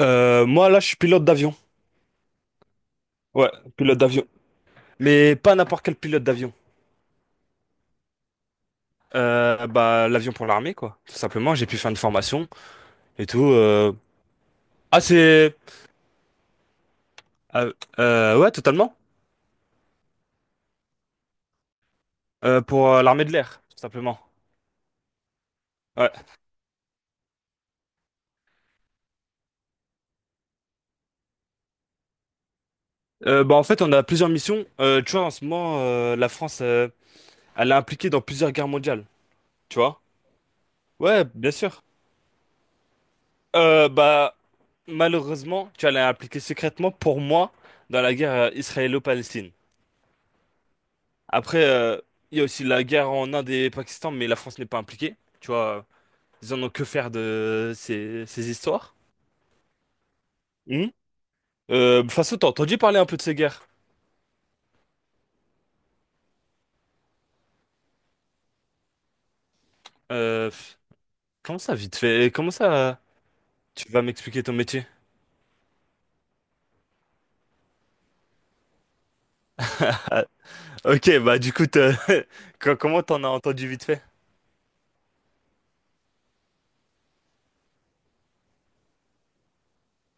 Moi, là, je suis pilote d'avion. Ouais, pilote d'avion. Mais pas n'importe quel pilote d'avion. L'avion pour l'armée, quoi. Tout simplement, j'ai pu faire une formation et tout. Ah, c'est... euh, ouais, totalement. Pour l'armée de l'air, tout simplement. Ouais. En fait, on a plusieurs missions. Tu vois, en ce moment, la France, elle est impliquée dans plusieurs guerres mondiales. Tu vois? Ouais, bien sûr. Euh, bah, Malheureusement, tu vois, elle est impliquée secrètement pour moi dans la guerre israélo-palestine. Après, il y a aussi la guerre en Inde et Pakistan, mais la France n'est pas impliquée. Tu vois, ils en ont que faire de ces histoires. Hum. Faso, t'as entendu parler un peu de ces guerres? Euh, pff, comment ça, vite fait? Comment ça, tu vas m'expliquer ton métier? Ah, ok, bah du coup, comment t'en as entendu vite fait?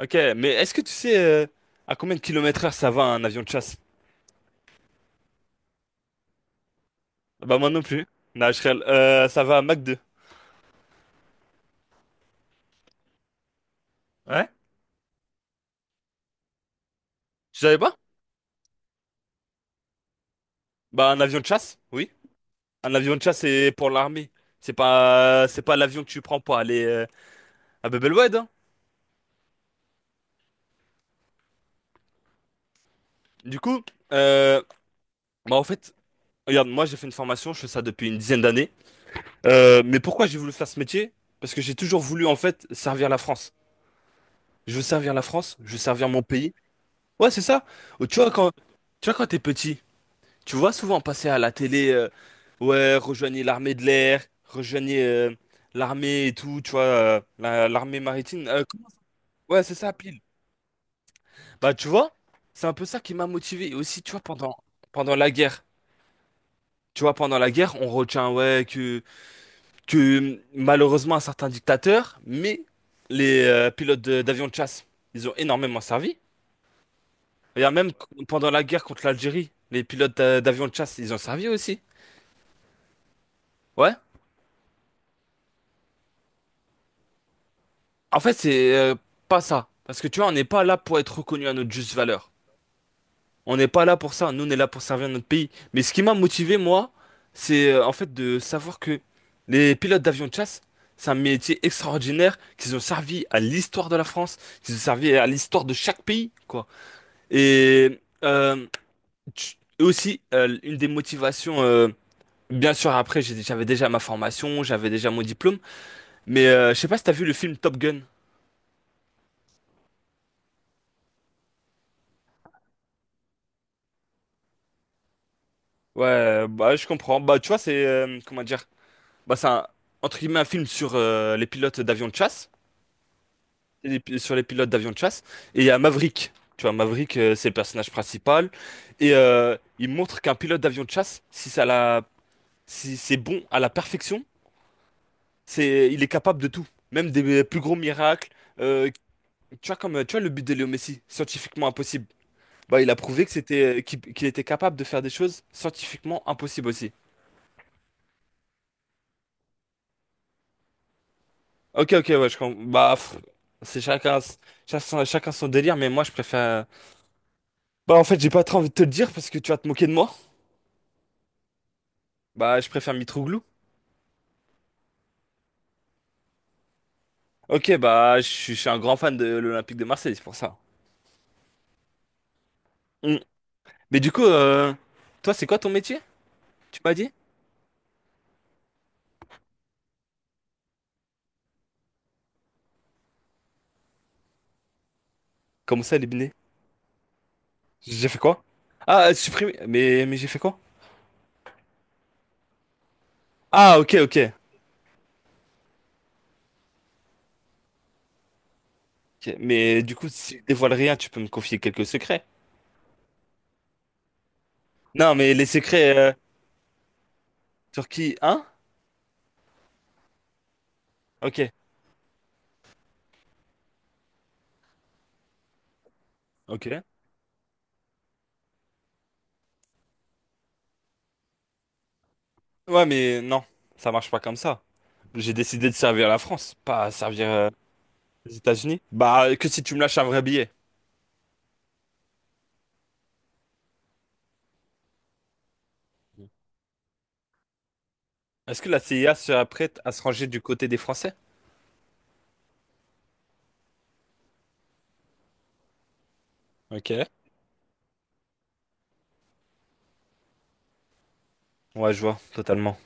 Ok, mais est-ce que tu sais à combien de kilomètres heure ça va un avion de chasse? Bah moi non plus. Non, je rigole. Ça va à Mach 2. Ouais? Tu savais pas? Bah un avion de chasse, oui. Un avion de chasse, c'est pour l'armée. C'est pas l'avion que tu prends pour aller à Bebelwed, hein. Du coup, euh, en fait, regarde, moi j'ai fait une formation, je fais ça depuis une 10aine d'années. Mais pourquoi j'ai voulu faire ce métier? Parce que j'ai toujours voulu en fait servir la France. Je veux servir la France, je veux servir mon pays. Ouais, c'est ça. Oh, tu vois quand t'es petit, tu vois souvent passer à la télé, ouais, rejoignez l'armée de l'air, rejoignez l'armée et tout, tu vois, l'armée maritime. Ouais, c'est ça, pile. Bah, tu vois, c'est un peu ça qui m'a motivé. Et aussi, tu vois, pendant la guerre, tu vois, pendant la guerre, on retient, ouais, que malheureusement, un certain dictateur, mais les pilotes d'avions de chasse, ils ont énormément servi. Regarde, même pendant la guerre contre l'Algérie, les pilotes d'avions de chasse, ils ont servi aussi. Ouais. En fait, c'est pas ça. Parce que, tu vois, on n'est pas là pour être reconnu à notre juste valeur. On n'est pas là pour ça, nous on est là pour servir notre pays. Mais ce qui m'a motivé, moi, c'est en fait de savoir que les pilotes d'avions de chasse, c'est un métier extraordinaire, qu'ils ont servi à l'histoire de la France, qu'ils ont servi à l'histoire de chaque pays, quoi. Et euh, et aussi, une des motivations, bien sûr, après, j'avais déjà ma formation, j'avais déjà mon diplôme, mais je sais pas si t'as vu le film Top Gun. Ouais, bah je comprends. Bah tu vois, comment dire, bah c'est un, entre guillemets, un film sur les pilotes d'avions de chasse. Sur les pilotes d'avions de chasse. Et il y a Maverick. Tu vois, Maverick, c'est le personnage principal. Et il montre qu'un pilote d'avion de chasse, si c'est bon à la perfection, c'est, il est capable de tout. Même des plus gros miracles. Euh, Tu vois, tu vois, le but de Léo Messi, scientifiquement impossible. Bah, il a prouvé que qu'il était capable de faire des choses scientifiquement impossibles aussi. Ok, ok, ouais, je comprends. Bah, pff, c'est chacun, chacun son délire, mais moi, je préfère. Bah, en fait, j'ai pas très envie de te le dire parce que tu vas te moquer de moi. Bah, je préfère Mitroglou. Ok, bah, je suis un grand fan de l'Olympique de Marseille, c'est pour ça. Mm. Mais du coup, toi, c'est quoi ton métier? Tu m'as dit? Comment ça, éliminer? J'ai fait quoi? Ah, supprimer. Mais j'ai fait quoi? Ah, ok, ok. Ok, mais du coup, si je dévoile rien, tu peux me confier quelques secrets. Non, mais les secrets sur qui? Hein? Ok, ok. Ouais, mais non, ça marche pas comme ça. J'ai décidé de servir la France, pas servir les États-Unis. Bah, que si tu me lâches un vrai billet. Est-ce que la CIA serait prête à se ranger du côté des Français? Ok. Ouais, je vois, totalement.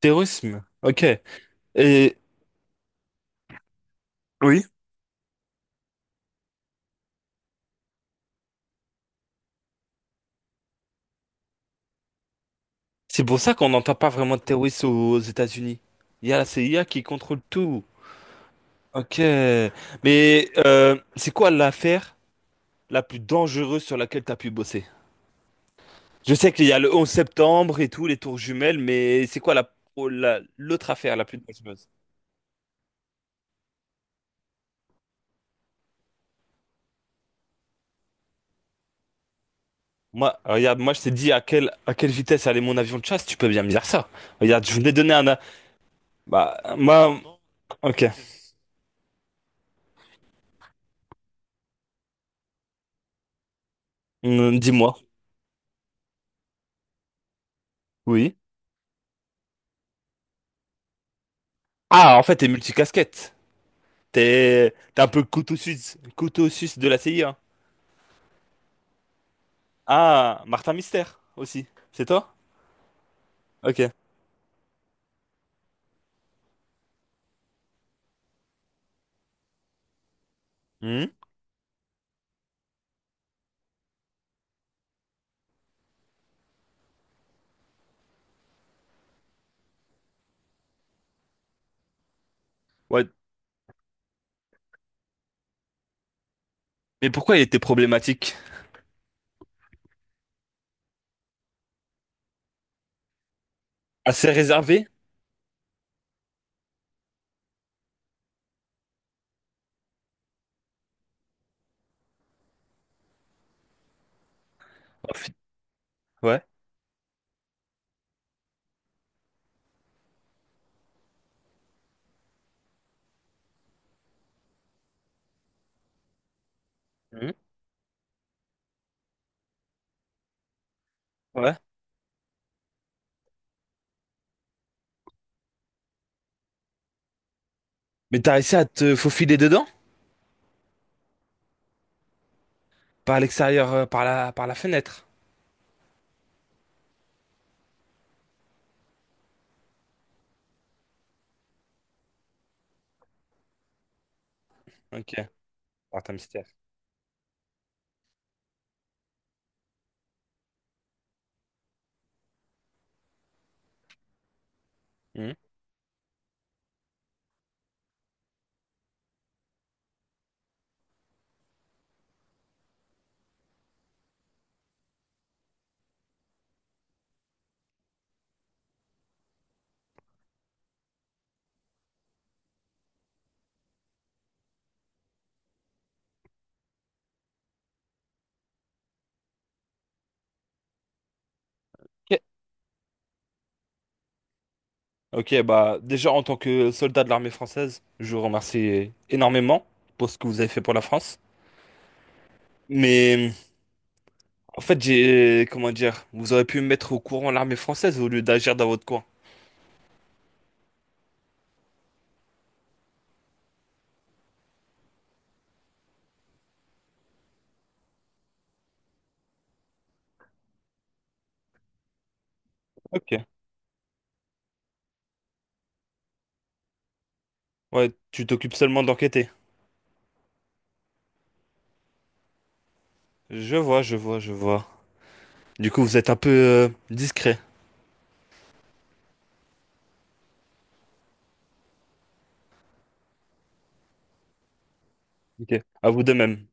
Terrorisme. Ok. Et oui, c'est pour ça qu'on n'entend pas vraiment de terrorisme aux États-Unis. Il y a la CIA qui contrôle tout. Ok. Mais c'est quoi l'affaire la plus dangereuse sur laquelle tu as pu bosser? Je sais qu'il y a le 11 septembre et tout, les tours jumelles, mais c'est quoi oh, l'autre affaire la plus dangereuse? Moi, regarde, moi je t'ai dit à à quelle vitesse allait mon avion de chasse, tu peux bien me dire ça. Regarde, je voulais donner un, Bah, moi, ok. Dis-moi. Oui. Ah, en fait, t'es multicasquette. T'es un peu couteau suisse de la CIA. Ah, Martin Mystère aussi. C'est toi? Ok. Hmm. Ouais. Mais pourquoi il était problématique? Assez réservé? Oh, fi- Ouais. Hmm. Ouais. Mais t'as réussi à te faufiler dedans? Par l'extérieur, par par la fenêtre. Ok. Martin Mystère. Hmm. Ok, ok, bah, déjà en tant que soldat de l'armée française, je vous remercie énormément pour ce que vous avez fait pour la France. Mais en fait, j'ai... Comment dire? Vous auriez pu me mettre au courant l'armée française au lieu d'agir dans votre coin. Ok. Ouais, tu t'occupes seulement d'enquêter. Je vois, je vois, je vois. Du coup, vous êtes un peu discret. Ok. À vous de même.